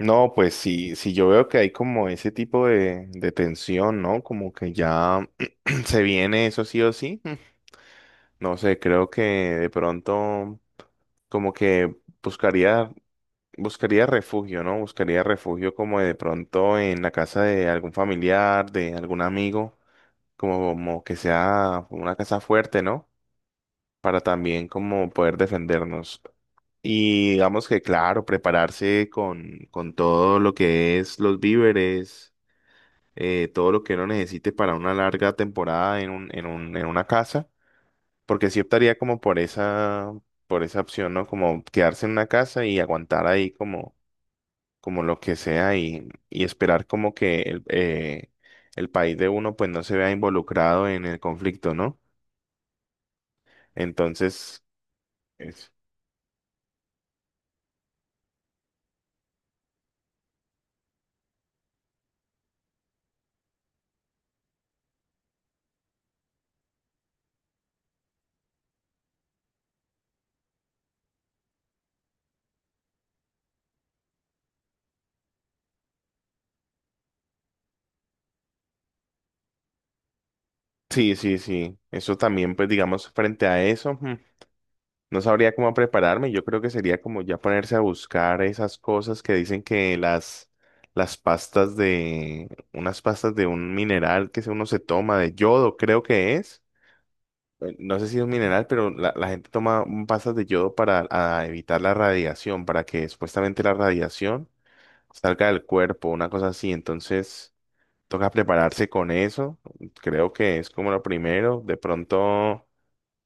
No, pues sí, sí yo veo que hay como ese tipo de tensión, ¿no? Como que ya se viene eso sí o sí. No sé, creo que de pronto como que buscaría buscaría refugio, ¿no? Buscaría refugio como de pronto en la casa de algún familiar, de algún amigo, como que sea una casa fuerte, ¿no? Para también como poder defendernos. Y digamos que, claro, prepararse con todo lo que es los víveres, todo lo que uno necesite para una larga temporada en un, en una casa, porque sí optaría como por esa opción, ¿no? Como quedarse en una casa y aguantar ahí como, como lo que sea y esperar como que el país de uno pues no se vea involucrado en el conflicto, ¿no? Entonces, es- sí, sí, sí, eso también pues digamos frente a eso. No sabría cómo prepararme. Yo creo que sería como ya ponerse a buscar esas cosas que dicen que las pastas de, unas pastas de un mineral uno se toma de yodo, creo que es. No sé si es un mineral, pero la gente toma pastas de yodo para a evitar la radiación, para que supuestamente la radiación salga del cuerpo, una cosa así. Entonces, toca prepararse con eso. Creo que es como lo primero. De pronto.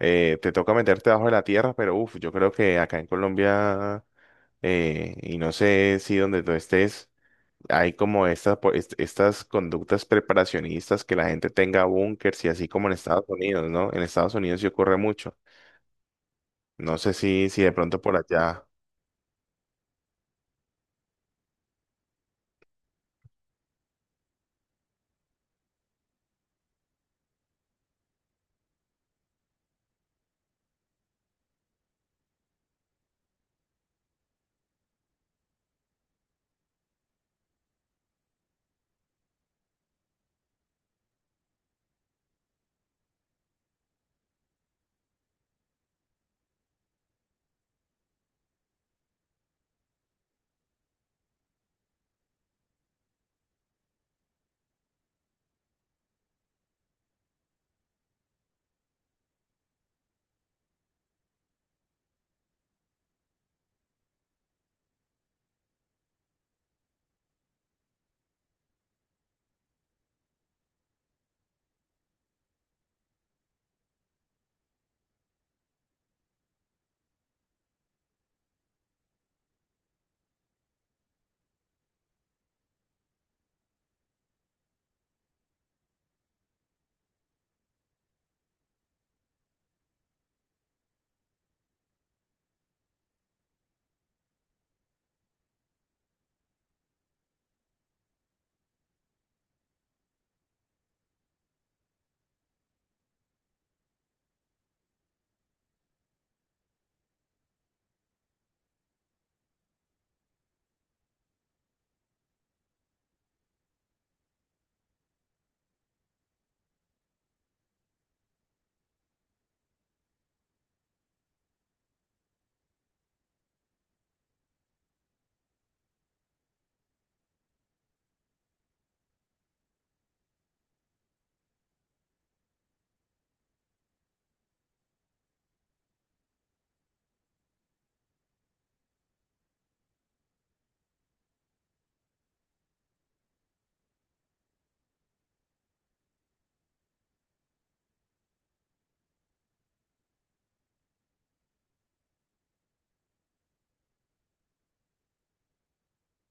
Te toca meterte debajo de la tierra, pero uff, yo creo que acá en Colombia, y no sé si donde tú estés, hay como estas, estas conductas preparacionistas que la gente tenga búnkers y así como en Estados Unidos, ¿no? En Estados Unidos sí ocurre mucho. No sé si de pronto por allá.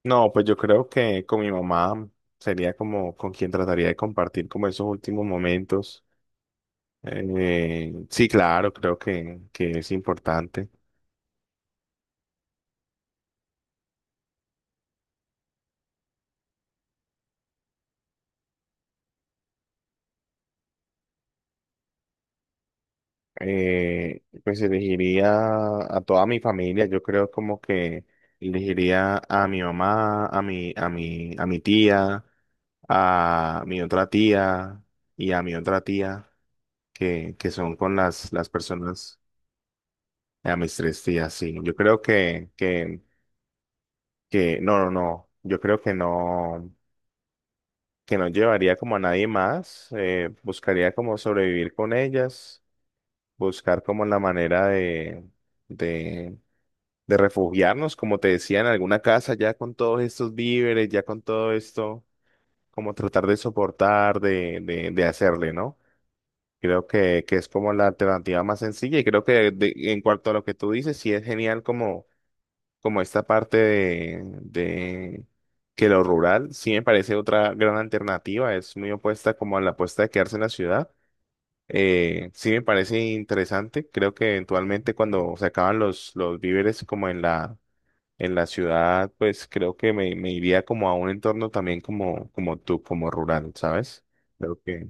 No, pues yo creo que con mi mamá sería como con quien trataría de compartir como esos últimos momentos. Sí, claro, creo que es importante. Pues elegiría a toda mi familia, yo creo como que elegiría a mi mamá, a mi tía, a mi otra tía y a mi otra tía, que son con las personas, a mis tres tías, sí. Yo creo que, no, no, no, yo creo que no llevaría como a nadie más, buscaría como sobrevivir con ellas, buscar como la manera de, de de refugiarnos, como te decía, en alguna casa, ya con todos estos víveres, ya con todo esto, como tratar de soportar, de hacerle, ¿no? Creo que es como la alternativa más sencilla y creo que en cuanto a lo que tú dices, sí es genial como, como esta parte de que lo rural sí me parece otra gran alternativa, es muy opuesta como a la apuesta de quedarse en la ciudad. Sí me parece interesante, creo que eventualmente cuando se acaban los víveres como en la ciudad, pues creo que me iría como a un entorno también como, como tú, como rural, ¿sabes? Creo que...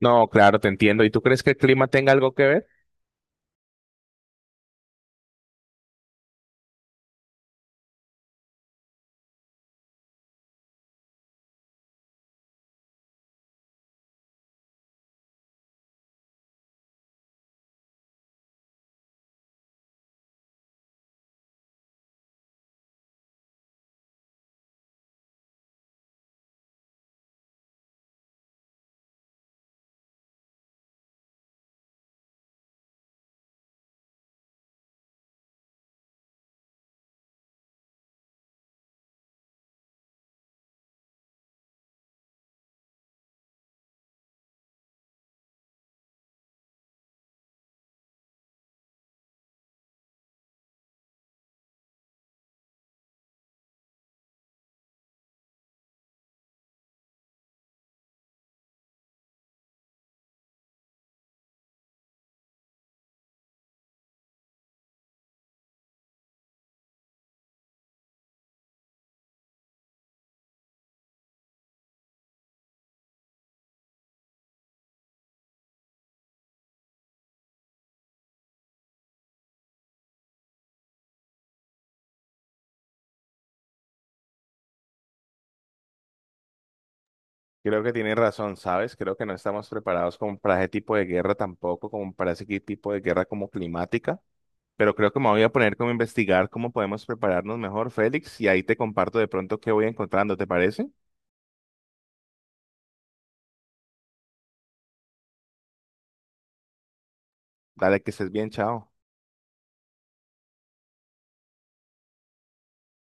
No, claro, te entiendo. ¿Y tú crees que el clima tenga algo que ver? Creo que tienes razón, ¿sabes? Creo que no estamos preparados como para ese tipo de guerra tampoco, como para ese tipo de guerra como climática. Pero creo que me voy a poner como a investigar cómo podemos prepararnos mejor, Félix, y ahí te comparto de pronto qué voy encontrando, ¿te parece? Dale, que estés bien, chao.